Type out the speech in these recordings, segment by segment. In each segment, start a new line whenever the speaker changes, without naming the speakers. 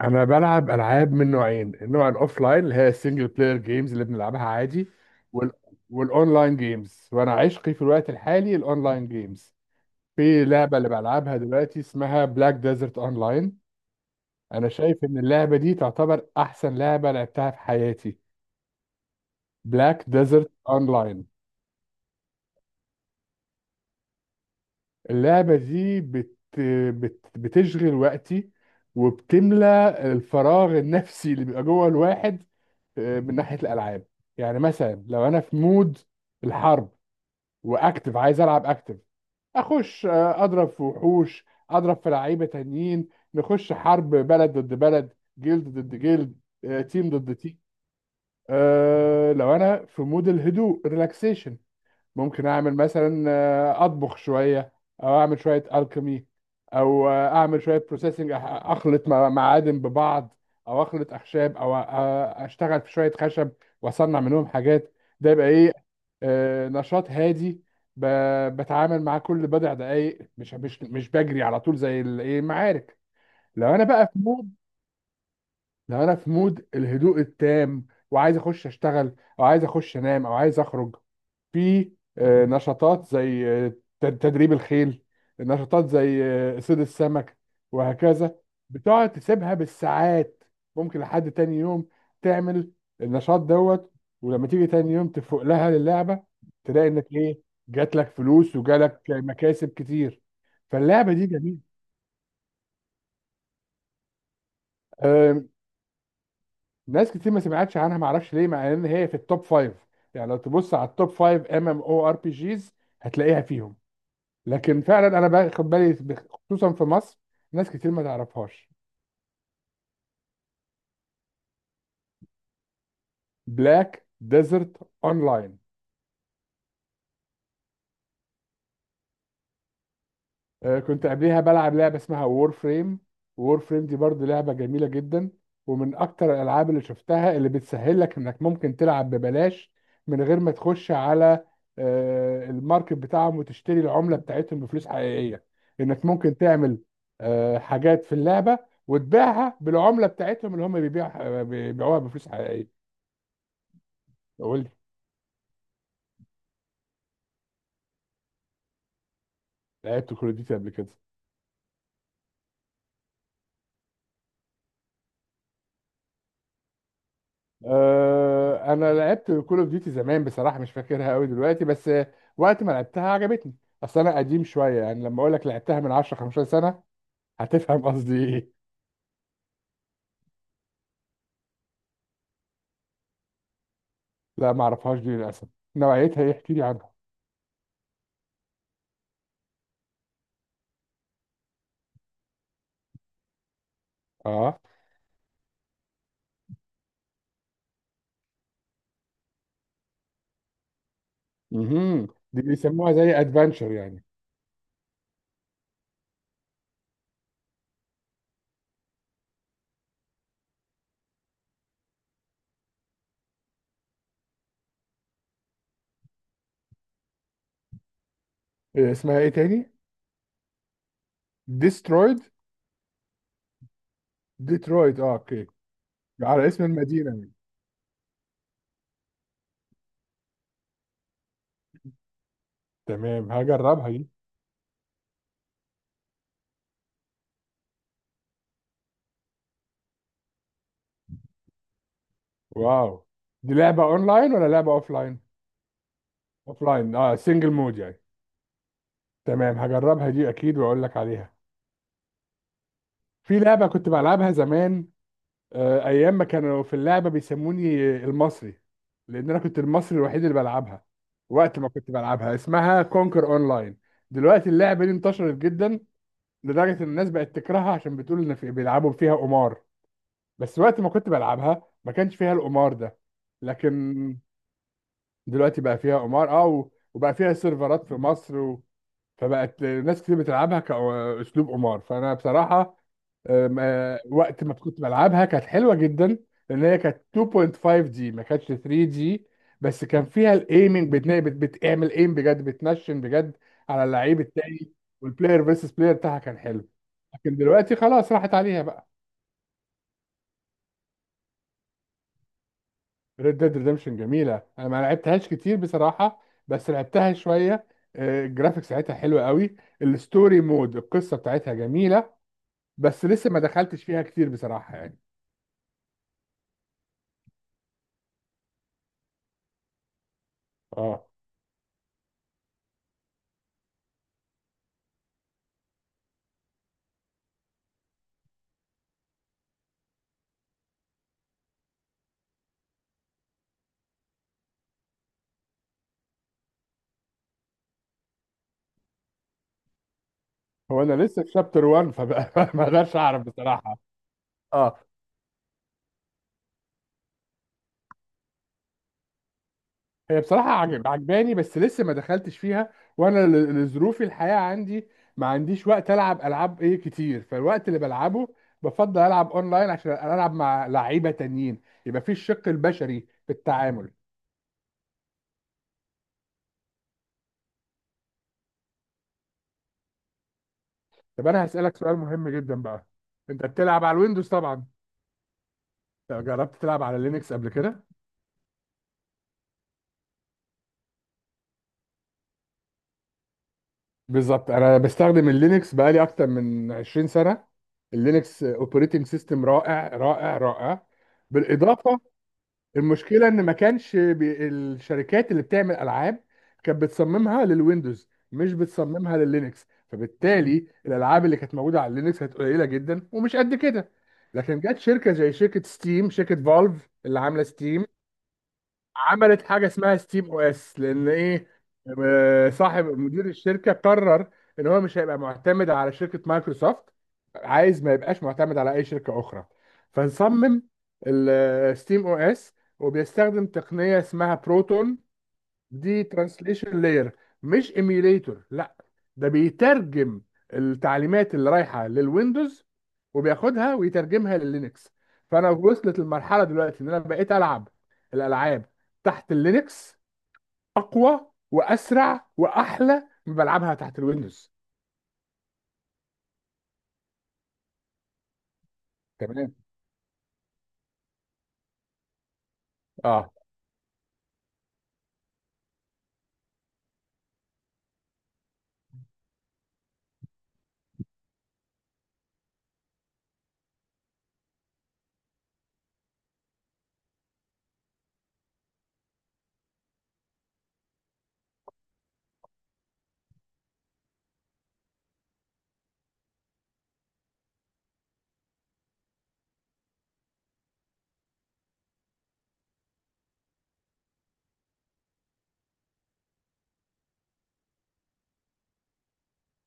انا بلعب العاب من نوعين: النوع الاوفلاين اللي هي السنجل بلاير جيمز اللي بنلعبها عادي، وال... والاونلاين جيمز، وانا عشقي في الوقت الحالي الاونلاين جيمز. في لعبه اللي بلعبها دلوقتي اسمها بلاك ديزرت اونلاين. انا شايف ان اللعبه دي تعتبر احسن لعبه لعبتها في حياتي. بلاك ديزرت اونلاين. اللعبة دي بتشغل وقتي وبتملى الفراغ النفسي اللي بيبقى جوه الواحد من ناحية الألعاب. يعني مثلا لو أنا في مود الحرب وأكتف عايز ألعب أكتف، أخش أضرب في وحوش، أضرب في لعيبة تانيين، نخش حرب بلد ضد بلد، جلد ضد جلد، تيم ضد تيم. لو أنا في مود الهدوء ريلاكسيشن، ممكن اعمل مثلا اطبخ شويه، او اعمل شويه الكيمي، او اعمل شويه بروسيسنج، اخلط معادن ببعض، او اخلط اخشاب، او اشتغل في شويه خشب واصنع منهم حاجات. ده يبقى ايه؟ نشاط هادي. بتعامل مع كل بضع دقايق، مش بجري على طول زي الايه المعارك. لو انا بقى في مود، لو انا في مود الهدوء التام وعايز اخش اشتغل او عايز اخش انام او عايز اخرج، في نشاطات زي تدريب الخيل، نشاطات زي صيد السمك، وهكذا. بتقعد تسيبها بالساعات، ممكن لحد تاني يوم تعمل النشاط دوت. ولما تيجي تاني يوم تفوق لها للعبة، تلاقي انك ايه؟ جات لك فلوس وجالك مكاسب كتير. فاللعبة دي جميلة. آه، ناس كتير ما سمعتش عنها، ما اعرفش ليه، مع ان هي في التوب فايف. يعني لو تبص على التوب فايف ام ام او ار بي جيز هتلاقيها فيهم. لكن فعلا انا باخد بالي، خصوصا في مصر ناس كتير ما تعرفهاش. بلاك ديزرت اونلاين. كنت قبليها بلعب لعبة اسمها وور فريم. وور فريم دي برضه لعبة جميلة جدا، ومن أكتر الألعاب اللي شفتها اللي بتسهل لك إنك ممكن تلعب ببلاش من غير ما تخش على الماركت بتاعهم وتشتري العملة بتاعتهم بفلوس حقيقية، إنك ممكن تعمل حاجات في اللعبة وتبيعها بالعملة بتاعتهم اللي هم بيبيعوها بفلوس حقيقية. قول لي. لعبت كول أوف ديوتي قبل كده. انا لعبت كول اوف ديوتي زمان بصراحه، مش فاكرها قوي دلوقتي، بس وقت ما لعبتها عجبتني. اصل انا قديم شويه، يعني لما اقول لك لعبتها من 10 15 سنه هتفهم قصدي ايه. لا، ما اعرفهاش دي للاسف. نوعيتها ايه؟ احكي لي عنها. اه. امم. دي بيسموها زي ادفنتشر يعني. إيه اسمها ايه تاني؟ ديسترويد. ديترويد، اه، اوكي. على اسم المدينه دي. تمام، هجربها دي. واو. دي لعبه اونلاين ولا لعبه اوفلاين؟ اوفلاين، اه، سنجل مود يعني. تمام، هجربها دي اكيد واقول لك عليها. في لعبه كنت بلعبها زمان، ايام ما كانوا في اللعبه بيسموني المصري لان انا كنت المصري الوحيد اللي بلعبها. وقت ما كنت بلعبها اسمها كونكر اونلاين. دلوقتي اللعبه دي انتشرت جدا، لدرجه ان الناس بقت تكرهها عشان بتقول ان في بيلعبوا فيها قمار. بس وقت ما كنت بلعبها ما كانش فيها القمار ده. لكن دلوقتي بقى فيها قمار، اه، وبقى فيها سيرفرات في مصر فبقت ناس كتير بتلعبها كأسلوب قمار. فأنا بصراحة أم، آه، وقت ما كنت بلعبها كانت حلوه جدا، لان هي كانت 2.5 دي، ما كانتش 3 دي. بس كان فيها الايمنج بتعمل ايم بجد، بتنشن بجد على اللعيب التاني، والبلاير فيرسس بلاير بتاعها كان حلو. لكن دلوقتي خلاص راحت عليها بقى. ريد ديد ريدمشن جميله، انا ما لعبتهاش كتير بصراحه، بس لعبتها شويه. الجرافيكس بتاعتها حلوه قوي، الستوري مود القصه بتاعتها جميله، بس لسه ما دخلتش فيها كتير بصراحه يعني. اه. هو انا لسه في شابتر 1 فبقى، ما اقدرش اعرف بصراحه. اه، هي بصراحه عجباني، بس لسه ما دخلتش فيها، وانا لظروف الحياه عندي ما عنديش وقت العب العاب ايه كتير. فالوقت اللي بلعبه بفضل العب اونلاين عشان العب مع لعيبه تانيين، يبقى في الشق البشري في التعامل. طب انا هسالك سؤال مهم جدا بقى. انت بتلعب على الويندوز طبعا؟ طب جربت تلعب على لينكس قبل كده؟ بالظبط. انا بستخدم اللينكس بقالي اكتر من 20 سنه. اللينكس اوبريتنج سيستم رائع رائع رائع. بالاضافه. المشكله ان ما كانش الشركات اللي بتعمل العاب كانت بتصممها للويندوز، مش بتصممها لللينكس، فبالتالي الالعاب اللي كانت موجوده على اللينكس كانت قليله جدا ومش قد كده. لكن جت شركه زي شركه ستيم، شركه فالف اللي عامله ستيم، عملت حاجه اسمها ستيم او اس. لان ايه؟ صاحب مدير الشركه قرر ان هو مش هيبقى معتمد على شركه مايكروسوفت، عايز ما يبقاش معتمد على اي شركه اخرى، فنصمم الستيم او اس. وبيستخدم تقنيه اسمها بروتون. دي ترانسليشن لاير، مش ايميوليتور لا. ده بيترجم التعليمات اللي رايحه للويندوز وبياخدها ويترجمها لللينكس. فانا وصلت المرحله دلوقتي ان انا بقيت العب الالعاب تحت اللينكس اقوى واسرع واحلى من بلعبها تحت الويندوز. تمام. اه.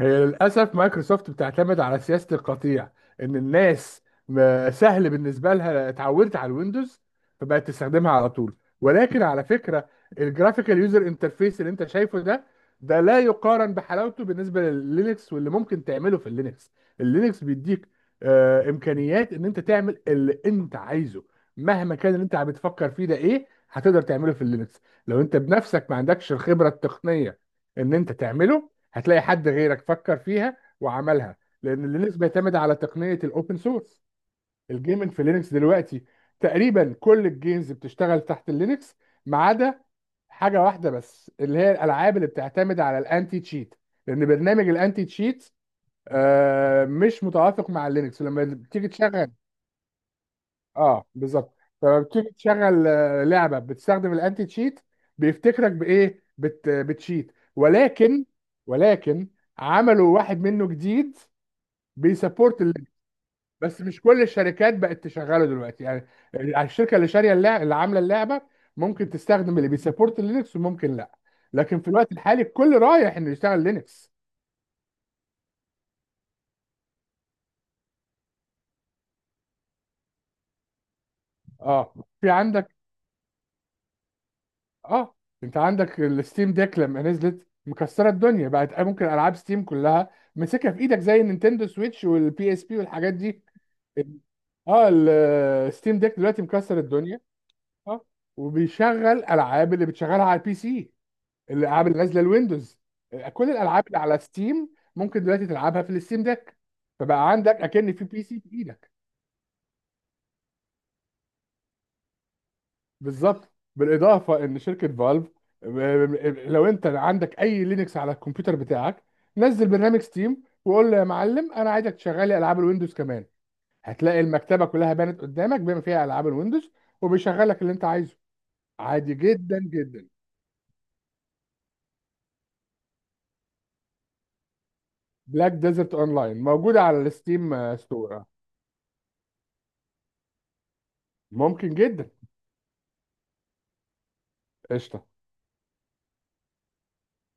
هي للأسف مايكروسوفت بتعتمد على سياسة القطيع، إن الناس سهل بالنسبة لها اتعودت على الويندوز فبقت تستخدمها على طول. ولكن على فكرة، الجرافيكال يوزر انترفيس اللي أنت شايفه ده، ده لا يقارن بحلاوته بالنسبة لللينكس، واللي ممكن تعمله في اللينكس. اللينكس بيديك إمكانيات إن أنت تعمل اللي أنت عايزه. مهما كان اللي أنت عم بتفكر فيه ده إيه، هتقدر تعمله في اللينكس. لو أنت بنفسك ما عندكش الخبرة التقنية إن أنت تعمله، هتلاقي حد غيرك فكر فيها وعملها. لان لينكس بيعتمد على تقنيه الاوبن سورس. الجيمنج في لينكس دلوقتي تقريبا كل الجيمز بتشتغل تحت اللينكس، ما عدا حاجه واحده بس، اللي هي الالعاب اللي بتعتمد على الانتي تشيت. لان برنامج الانتي تشيت مش متوافق مع اللينكس. لما تيجي تشغل، اه بالظبط، فبتيجي تشغل لعبه بتستخدم الانتي تشيت بيفتكرك بايه، بتشيت. ولكن، ولكن، عملوا واحد منه جديد بيسبورت اللعبة. بس مش كل الشركات بقت تشغله دلوقتي يعني. الشركه اللي شاريه اللعبه، اللي عامله اللعبه، ممكن تستخدم اللي بيسبورت لينكس وممكن لا. لكن في الوقت الحالي الكل رايح انه يشتغل لينكس. اه. في عندك. اه، انت عندك الستيم ديك لما نزلت مكسره الدنيا، بقت ممكن العاب ستيم كلها ماسكها في ايدك زي النينتندو سويتش والبي اس بي والحاجات دي. اه. الستيم ديك دلوقتي مكسر الدنيا. اه. وبيشغل العاب اللي بتشغلها على البي سي. الالعاب اللي نازله الويندوز. كل الالعاب اللي على ستيم ممكن دلوقتي تلعبها في الستيم ديك. فبقى عندك اكن في بي سي في ايدك. بالظبط. بالاضافه ان شركه فالف، لو انت عندك اي لينكس على الكمبيوتر بتاعك، نزل برنامج ستيم وقول له يا معلم انا عايزك تشغل لي العاب الويندوز كمان. هتلاقي المكتبه كلها بانت قدامك بما فيها العاب الويندوز، وبيشغل لك اللي انت عايزه عادي جدا جدا. بلاك ديزرت اونلاين موجوده على الستيم ستور. ممكن جدا. قشطه.